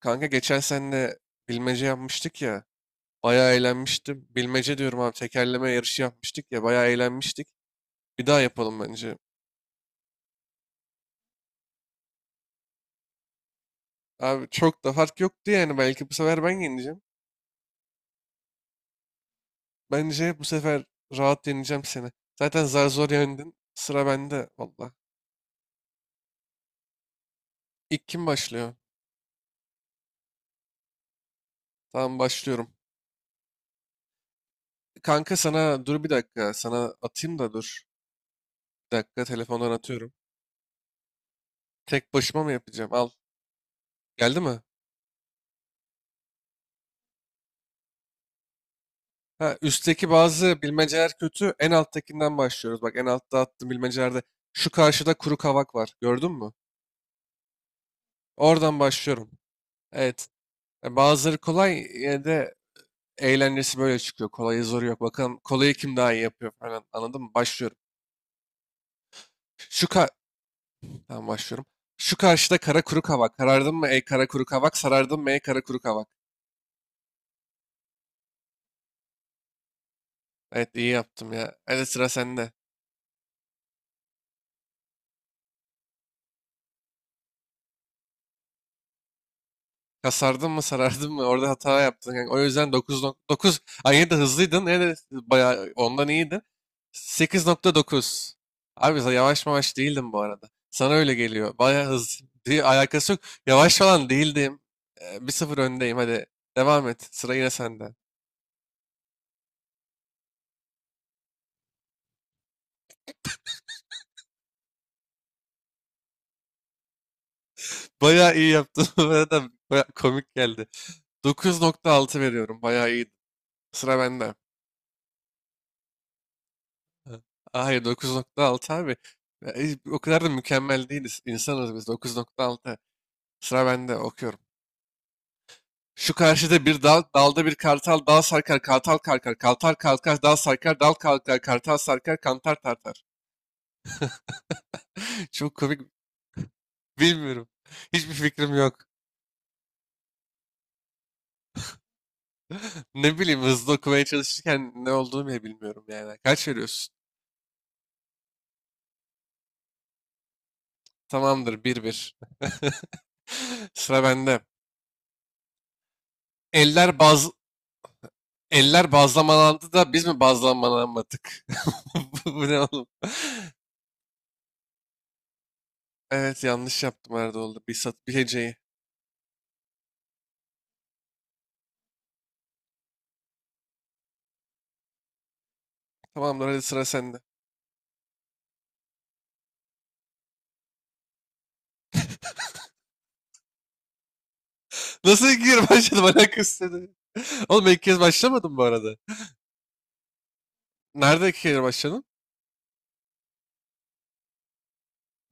Kanka geçen seninle bilmece yapmıştık ya. Bayağı eğlenmiştim. Bilmece diyorum abi tekerleme yarışı yapmıştık ya. Bayağı eğlenmiştik. Bir daha yapalım bence. Abi çok da fark yoktu yani. Belki bu sefer ben yeneceğim. Bence bu sefer rahat yeneceğim seni. Zaten zar zor yendin. Sıra bende valla. İlk kim başlıyor? Tamam başlıyorum. Kanka sana dur bir dakika. Sana atayım da dur. Bir dakika telefondan atıyorum. Tek başıma mı yapacağım? Al. Geldi mi? Ha, üstteki bazı bilmeceler kötü. En alttakinden başlıyoruz. Bak en altta attığım bilmecelerde şu karşıda kuru kavak var. Gördün mü? Oradan başlıyorum. Evet. Bazıları kolay yine de eğlencesi böyle çıkıyor. Kolayı zoru yok. Bakalım kolayı kim daha iyi yapıyor falan. Anladın mı? Başlıyorum. Şu ka Tamam başlıyorum. Şu karşıda kara kuru kavak. Karardın mı ey kara kuru kavak? Sarardın mı ey kara kuru kavak? Evet iyi yaptım ya. Hadi sıra sende. Kasardın mı sarardın mı orada hata yaptın. Yani o yüzden 9.9 ay yine de hızlıydın yine de bayağı ondan iyiydin. Sekiz nokta dokuz. Abi sen yavaş yavaş değildim bu arada. Sana öyle geliyor. Bayağı hızlı diye alakası yok. Yavaş falan değildim. 1-0 öndeyim hadi. Devam et. Sıra yine sende. Bayağı iyi yaptın. Bu arada bayağı komik geldi. Dokuz nokta altı veriyorum. Bayağı iyi. Sıra bende. Ha. Hayır 9.6 abi. O kadar da mükemmel değiliz. İnsanız biz, dokuz nokta altı. Sıra bende okuyorum. Şu karşıda bir dal, dalda bir kartal, dal sarkar, kartal kalkar, kartal kalkar, dal sarkar, dal kalkar, kartal sarkar, kantar tartar. Çok komik, bilmiyorum. Hiçbir fikrim yok. Ne bileyim hızlı okumaya çalışırken ne olduğunu bile bilmiyorum yani. Kaç veriyorsun? Tamamdır, bir bir. Sıra bende. Eller baz Eller bazlamalandı da biz mi bazlamalanmadık? Bu ne oğlum? Evet yanlış yaptım herhalde oldu. Bir sat bir heceyi. Tamamdır hadi sıra sende. Nasıl iki kere başladım, alakası seni. Oğlum ben ilk kez başlamadım bu arada. Nerede iki kere başladın?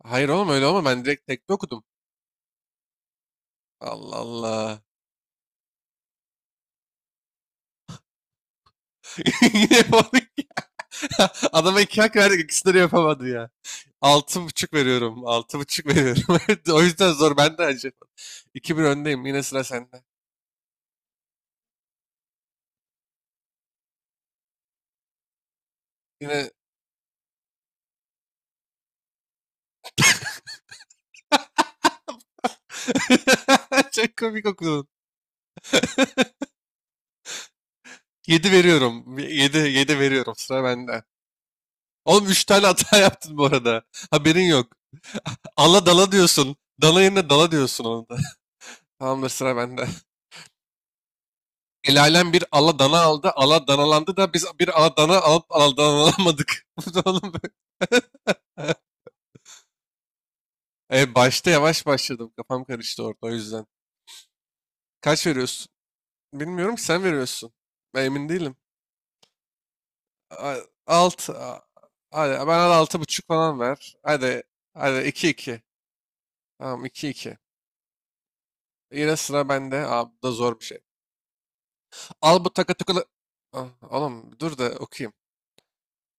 Hayır oğlum öyle olma, ben direkt tekte okudum. Allah Allah. Yine yapamadık ya. Adama iki hak verdik, ikisini de yapamadı ya. Altı buçuk veriyorum. Altı buçuk veriyorum. O yüzden zor, ben de acı. İki bir öndeyim yine, sıra sende. Yine çok komik okudun. Yedi veriyorum. Yedi, yedi veriyorum, sıra bende. Oğlum üç tane hata yaptın bu arada. Haberin yok. Ala dala diyorsun. Dala yerine dala diyorsun onu da. Tamamdır sıra bende. El alem bir ala dana aldı. Ala danalandı da biz bir ala dana alıp ala danalamadık. Bu da oğlum böyle. Başta yavaş başladım. Kafam karıştı orada o yüzden. Kaç veriyorsun? Bilmiyorum ki, sen veriyorsun. Ben emin değilim. A- Alt. a- Hadi ben al, altı buçuk falan ver. Hadi. Hadi iki iki. Tamam iki iki. Yine sıra bende. Abi bu da zor bir şey. Al bu takı takılı. Oğlum dur da okuyayım.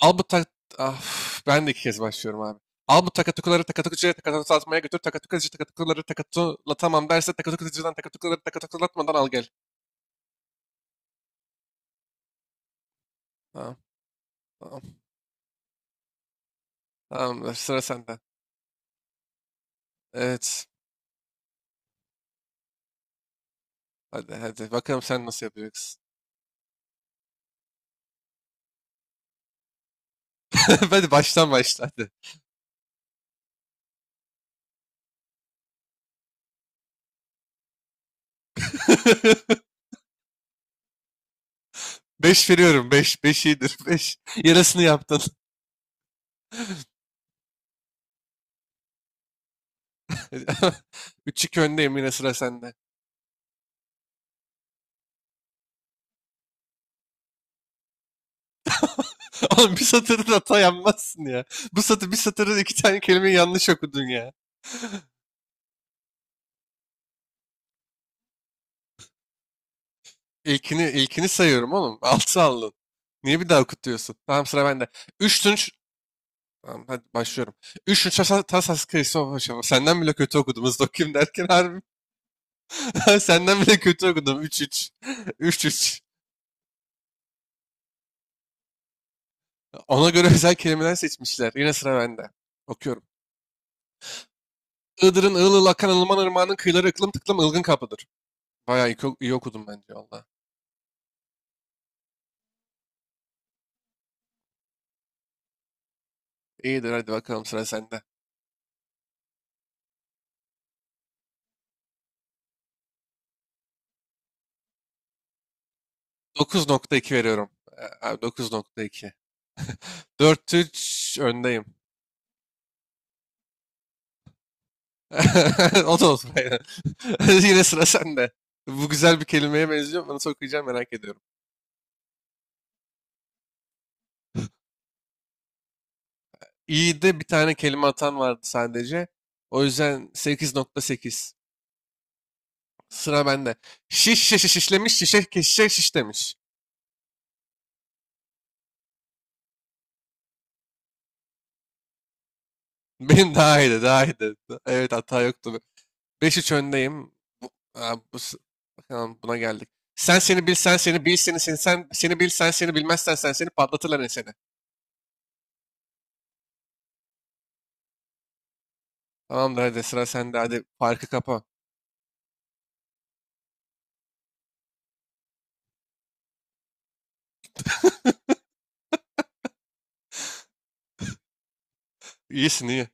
Al bu tak... Ah, Ben de iki kez başlıyorum abi. Al bu takatukuları takatukucuya takatukulatmaya götür. Takatukucu takatukuları takatulatamam derse takatukucudan takatukuları takatukulatmadan al gel. Tamam, tamam. Tamamdır, sıra sende. Evet. Hadi hadi bakalım sen nasıl yapacaksın. Hadi baştan başla hadi. 5 veriyorum. Beş, 5 iyidir. Beş. Yarısını yaptın. 3-2 öndeyim yine, sıra sende. Oğlum bir satırda hata yapmazsın ya. Bu satır, bir satırda iki tane kelimeyi yanlış okudun ya. İlkini, ilkini sayıyorum oğlum. Altı aldın. Niye bir daha okutuyorsun? Tamam sıra bende. Üç tunç... Tamam hadi başlıyorum. Üç tunç tasa tasas kıyısı başa. Senden bile kötü okudum. Hızlı okuyayım derken harbi. Senden bile kötü okudum. Üç üç. Üç üç. Ona göre özel kelimeler seçmişler. Yine sıra bende. Okuyorum. Iğdır'ın ığıl ığıl akan ılıman ırmağının kıyıları ıklım tıklım ılgın kapıdır. Bayağı iyi, oku- iyi okudum bence valla. İyidir hadi bakalım sıra sende. Dokuz nokta iki veriyorum. Abi dokuz nokta iki, dört üç öndeyim. O da olsun. Aynen. Yine sıra sende. Bu güzel bir kelimeye benziyor. Bunu nasıl okuyacağım merak ediyorum. İyi de bir tane kelime atan vardı sadece. O yüzden sekiz nokta sekiz. Sıra bende. Şiş şişe şişlemiş şişe ke- şişe şiş demiş. Benim daha iyiydi, daha iyiydi. Evet hata yoktu. Beş üç öndeyim. Bu, aa, bu s- Bakalım buna geldik. Sen seni bil sen seni bil seni seni sen seni bil sen seni bilmezsen sen seni patlatırlar seni. Tamamdır hadi sıra sende, hadi farkı kapa. İyisin, iyi.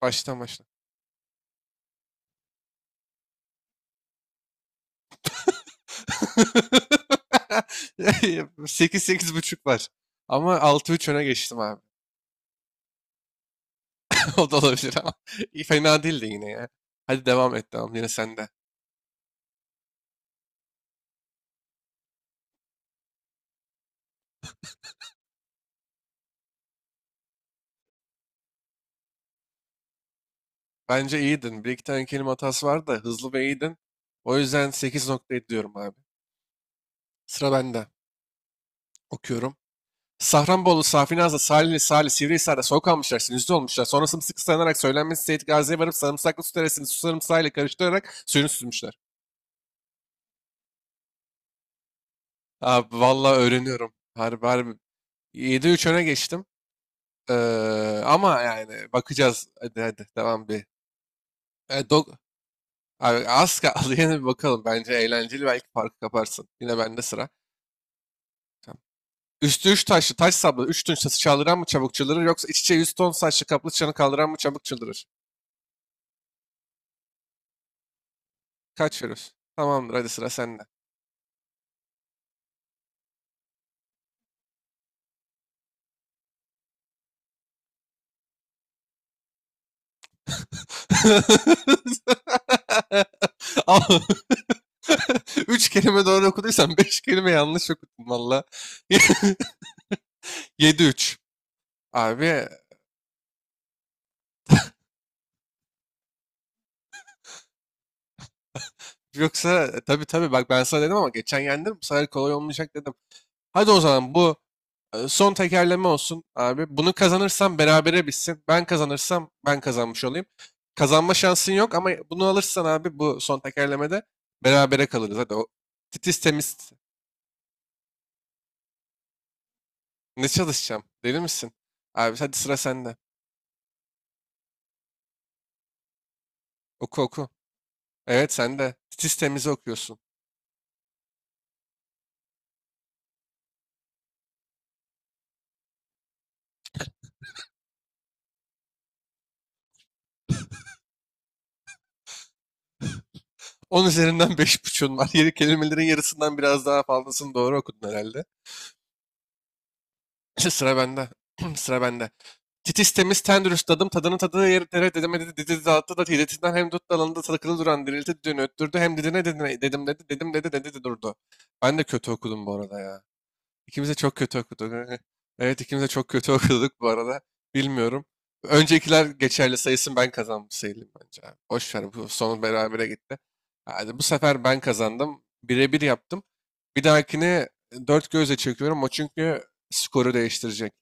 Baştan başla. 8, 8 buçuk var. Ama 6 3 öne geçtim abi. O da olabilir ama. İyi, fena değildi yine ya. Hadi devam et, tamam yine sende. Bence iyiydin. Bir iki tane kelime hatası vardı da hızlı ve iyiydin. O yüzden sekiz nokta ediyorum abi. Sıra bende. Okuyorum. Safranbolu, Safinaz'la, Salihli, Salih, Sivrihisar'da soğuk almışlar, sinüzde olmuşlar. Sonra sımsıkı sarılarak söylenmesi Seyit Gazi'ye varıp sarımsaklı su teresini su sarımsağıyla karıştırarak suyunu süzmüşler. Abi valla öğreniyorum. Harbi, harbi yedi üç öne geçtim. Ama yani bakacağız. Hadi hadi devam bir. E, dog... Abi, az kaldı yine bir bakalım. Bence eğlenceli, belki farkı kaparsın. Yine bende sıra. Tamam. Üstü 3 taşlı taş sablı 3 tunç taşı çaldıran mı çabuk çıldırır yoksa iç içe yüz ton saçlı kaplı çanı kaldıran mı çabuk çıldırır? Kaç veriyorsun? Tamamdır hadi sıra sende. Al- Üç kelime doğru okuduysan beş kelime yanlış okudun valla. Yedi üç. Abi yoksa tabii tabii, bak ben sana dedim ama geçen yendim, bu sefer kolay olmayacak dedim. Hadi o zaman bu son tekerleme olsun abi. Bunu kazanırsam berabere bitsin. Ben kazanırsam ben kazanmış olayım. Kazanma şansın yok ama bunu alırsan abi, bu son tekerlemede berabere kalırız. Hadi o titiz temiz, ne çalışacağım deli misin? Abi hadi sıra sende. Oku oku. Evet sende. Titiz temizi okuyorsun. 10 üzerinden 5,5'un var. Yeri kelimelerin yarısından biraz daha fazlasını doğru okudun herhalde. Sıra bende. Sıra bende. Titiz temiz ten dürüst adım tadının tadığı yeri dere dedemedi dedi dağıttı da hiletinden hem dut dalında takılı duran dirilti düğünü öttürdü hem didine dedine dedim dedi dedim dedi dedi dedi durdu. Ben de kötü okudum bu arada ya. İkimiz de çok kötü okuduk. Evet ikimiz de çok kötü okuduk bu arada. Bilmiyorum. Öncekiler geçerli sayısın, ben kazanmış sayılım bence. Abi boş ver, bu son berabere gitti. Hadi bu sefer ben kazandım. Birebir yaptım. Bir dahakini dört gözle çekiyorum o, çünkü skoru değiştirecek.